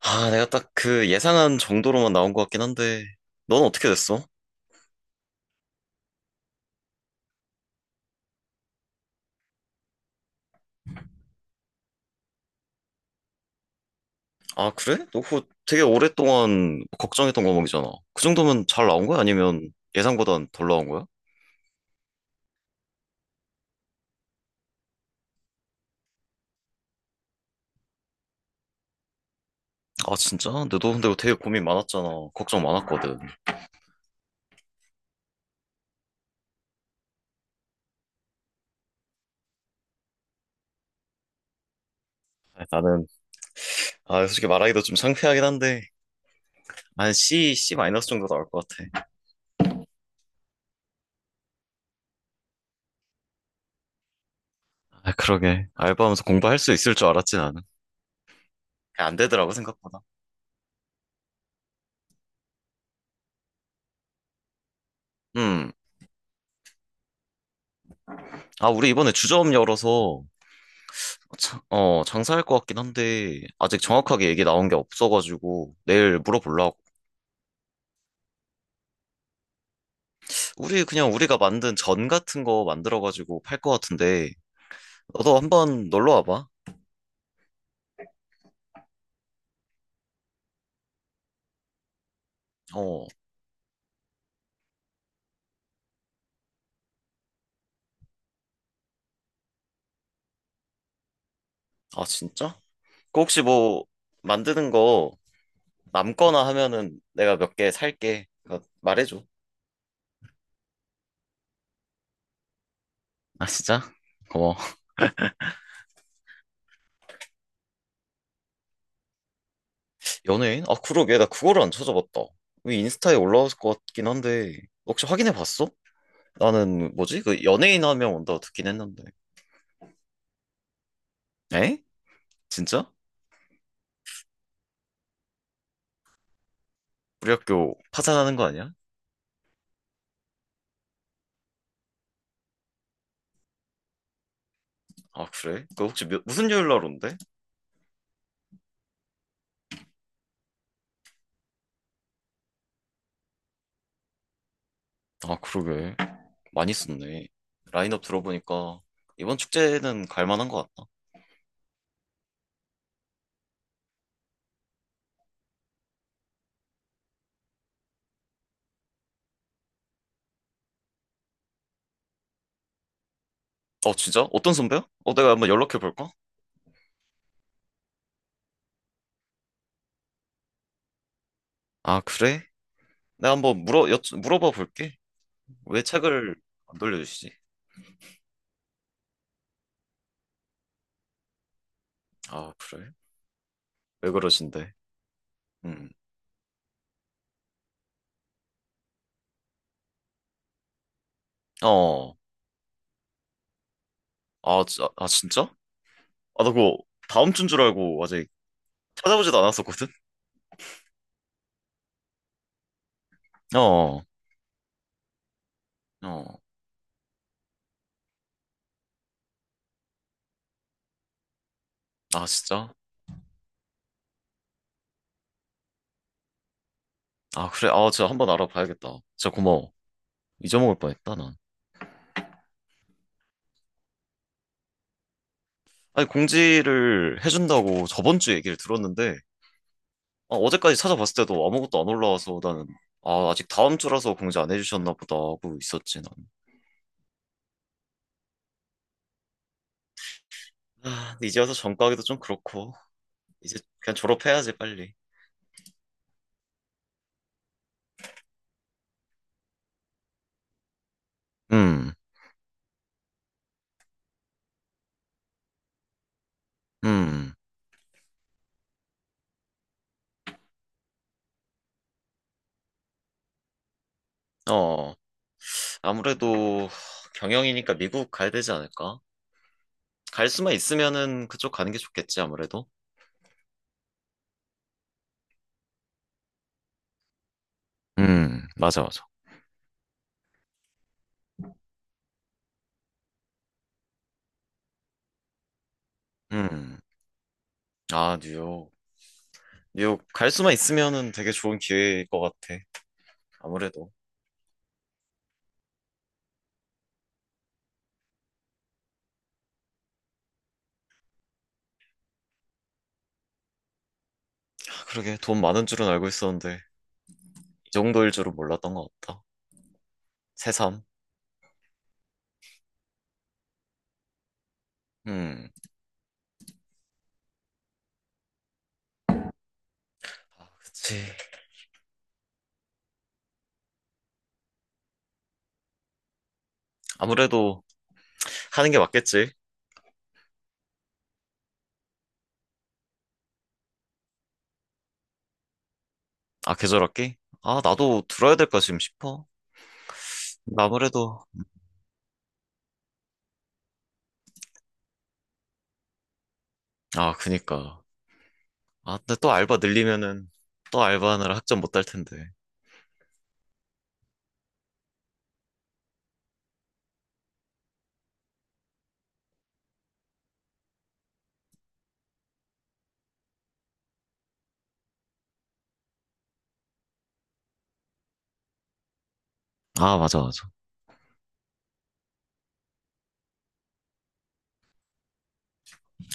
아, 내가 딱 그 예상한 정도로만 나온 것 같긴 한데, 넌 어떻게 됐어? 아, 그래? 너 그거 되게 오랫동안 걱정했던 과목이잖아. 그 정도면 잘 나온 거야? 아니면 예상보단 덜 나온 거야? 아, 진짜? 근데 너 근데 되게 고민 많았잖아. 걱정 많았거든. 아, 나는, 아, 솔직히 말하기도 좀 창피하긴 한데, 한 C, C 마이너스 정도 나올 것 같아. 아, 그러게. 알바하면서 공부할 수 있을 줄 알았지, 나는. 그냥 안 되더라고, 생각보다. 음. 아, 우리 이번에 주점 열어서 장사할 것 같긴 한데, 아직 정확하게 얘기 나온 게 없어가지고, 내일 물어보려고. 우리, 그냥 우리가 만든 전 같은 거 만들어가지고 팔 것 같은데, 너도 한번 놀러 와봐. 어, 아, 진짜? 그 혹시 뭐, 만드는 거 남거나 하면은 내가 몇 개 살게. 그러니까 말해줘. 아, 진짜? 고마워. 연예인? 아, 그러게. 나 그거를 안 찾아봤다. 이 인스타에 올라왔을 것 같긴 한데, 혹시 확인해 봤어? 나는, 뭐지? 그 연예인 하면 온다고 듣긴 했는데. 에? 진짜? 우리 학교 파산하는 거 아니야? 아, 그래? 그 혹시 무슨 요일 날 온대? 아, 그러게. 많이 썼네. 라인업 들어보니까 이번 축제는 갈 만한 거 같다. 어, 진짜? 어떤 선배야? 어, 내가 한번 연락해 볼까? 아, 그래? 내가 한번 물어봐 볼게. 왜 책을 안 돌려주시지? 아, 그래? 왜 그러신데? 음. 어. 아, 아, 진짜? 아, 나 그거 다음 주인 줄 알고 아직 찾아보지도 않았었거든? 어. 어. 아, 진짜? 아, 그래? 아, 진짜 한번 알아봐야겠다. 진짜 고마워. 잊어먹을 뻔했다, 난. 아니, 공지를 해준다고 저번 주 얘기를 들었는데, 아, 어제까지 찾아봤을 때도 아무것도 안 올라와서 나는, 아, 아직 다음 주라서 공지 안 해주셨나 보다 하고 있었지, 난. 아, 근데 이제 와서 전과하기도 좀 그렇고, 이제 그냥 졸업해야지, 빨리. 음, 음, 어, 아무래도 경영이니까 미국 가야 되지 않을까? 갈 수만 있으면은 그쪽 가는 게 좋겠지, 아무래도. 맞아, 맞아. 음, 아, 뉴욕. 뉴욕 갈 수만 있으면은 되게 좋은 기회일 것 같아. 아무래도. 아, 그러게 돈 많은 줄은 알고 있었는데 이 정도일 줄은 몰랐던 것 같다. 새삼. 음. 아, 그치. 아무래도 하는 게 맞겠지. 아, 계절 학기? 아, 나도 들어야 될까 지금 싶어. 근데 아무래도. 아, 그니까. 아, 근데 또 알바 늘리면은 또 알바하느라 학점 못 딸 텐데. 아, 맞아, 맞아.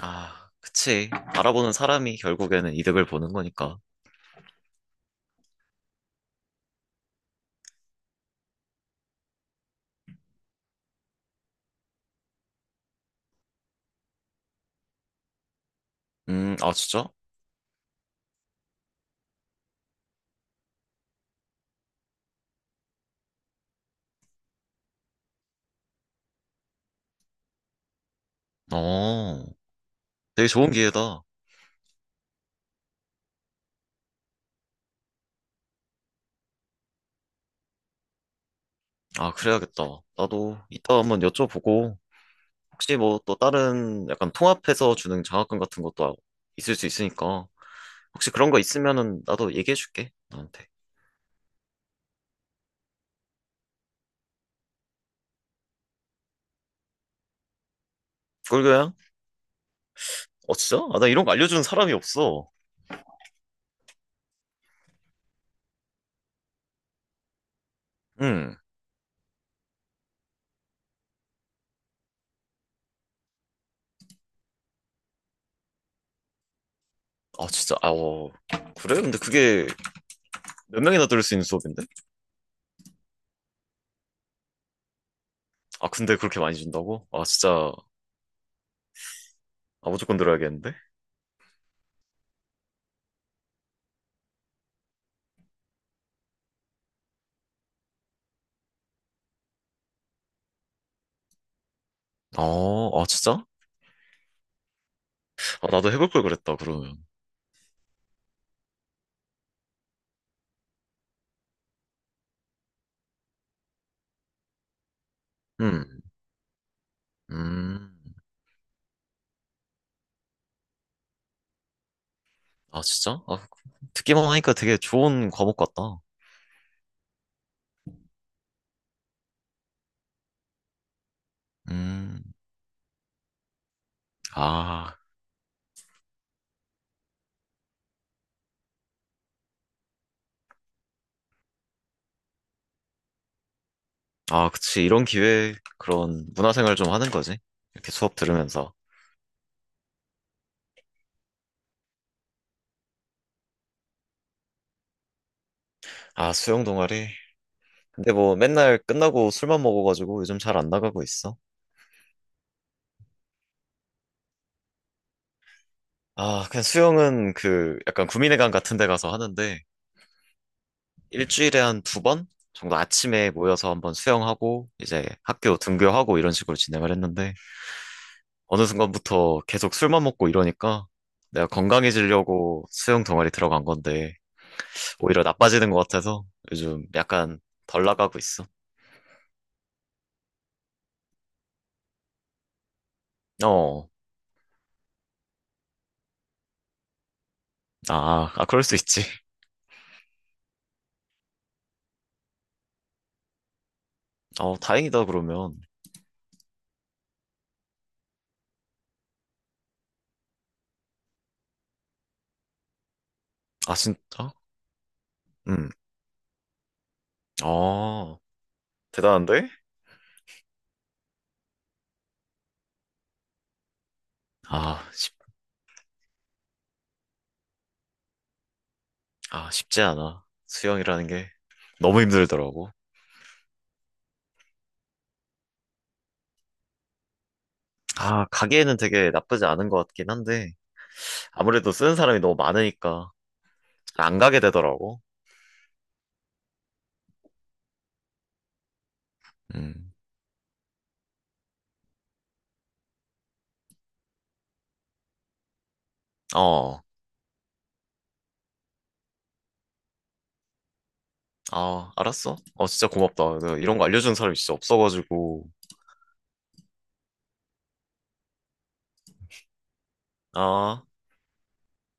아, 그치. 바라보는 사람이 결국에는 이득을 보는 거니까. 아, 진짜? 어, 되게 좋은 기회다. 아, 그래야겠다. 나도 이따 한번 여쭤보고, 혹시 뭐 또 다른 약간 통합해서 주는 장학금 같은 것도 있을 수 있으니까, 혹시 그런 거 있으면은 나도 얘기해줄게, 너한테. 꿀교양? 어, 진짜? 아, 나 이런 거 알려주는 사람이 없어. 응. 아, 진짜? 아, 어. 그래? 근데 그게 몇 명이나 들을 수 있는 수업인데? 아, 근데 그렇게 많이 준다고? 아, 진짜. 아, 무조건 들어야겠는데? 어, 아, 진짜? 아, 나도 해볼 걸 그랬다, 그러면. 음, 음, 아, 진짜? 아, 듣기만 하니까 되게 좋은 과목 같다. 음, 아, 아, 그치. 이런 기회에 그런 문화생활 좀 하는 거지. 이렇게 수업 들으면서. 아, 수영 동아리. 근데 뭐 맨날 끝나고 술만 먹어가지고 요즘 잘 안 나가고 있어. 아, 그냥 수영은 그 약간 구민회관 같은 데 가서 하는데 일주일에 한 두 번 정도 아침에 모여서 한번 수영하고 이제 학교 등교하고 이런 식으로 진행을 했는데 어느 순간부터 계속 술만 먹고 이러니까 내가 건강해지려고 수영 동아리 들어간 건데 오히려 나빠지는 것 같아서 요즘 약간 덜 나가고 있어. 어, 아, 아, 그럴 수 있지. 어, 다행이다, 그러면. 아, 진짜? 응, 어, 대단한데? 아, 아, 쉽지 않아. 수영이라는 게 너무 힘들더라고. 아, 가기에는 되게 나쁘지 않은 것 같긴 한데 아무래도 쓰는 사람이 너무 많으니까 안 가게 되더라고. 음, 어. 아, 알았어. 어, 진짜 고맙다. 내가 이런 거 알려주는 사람이 진짜 없어가지고. 아.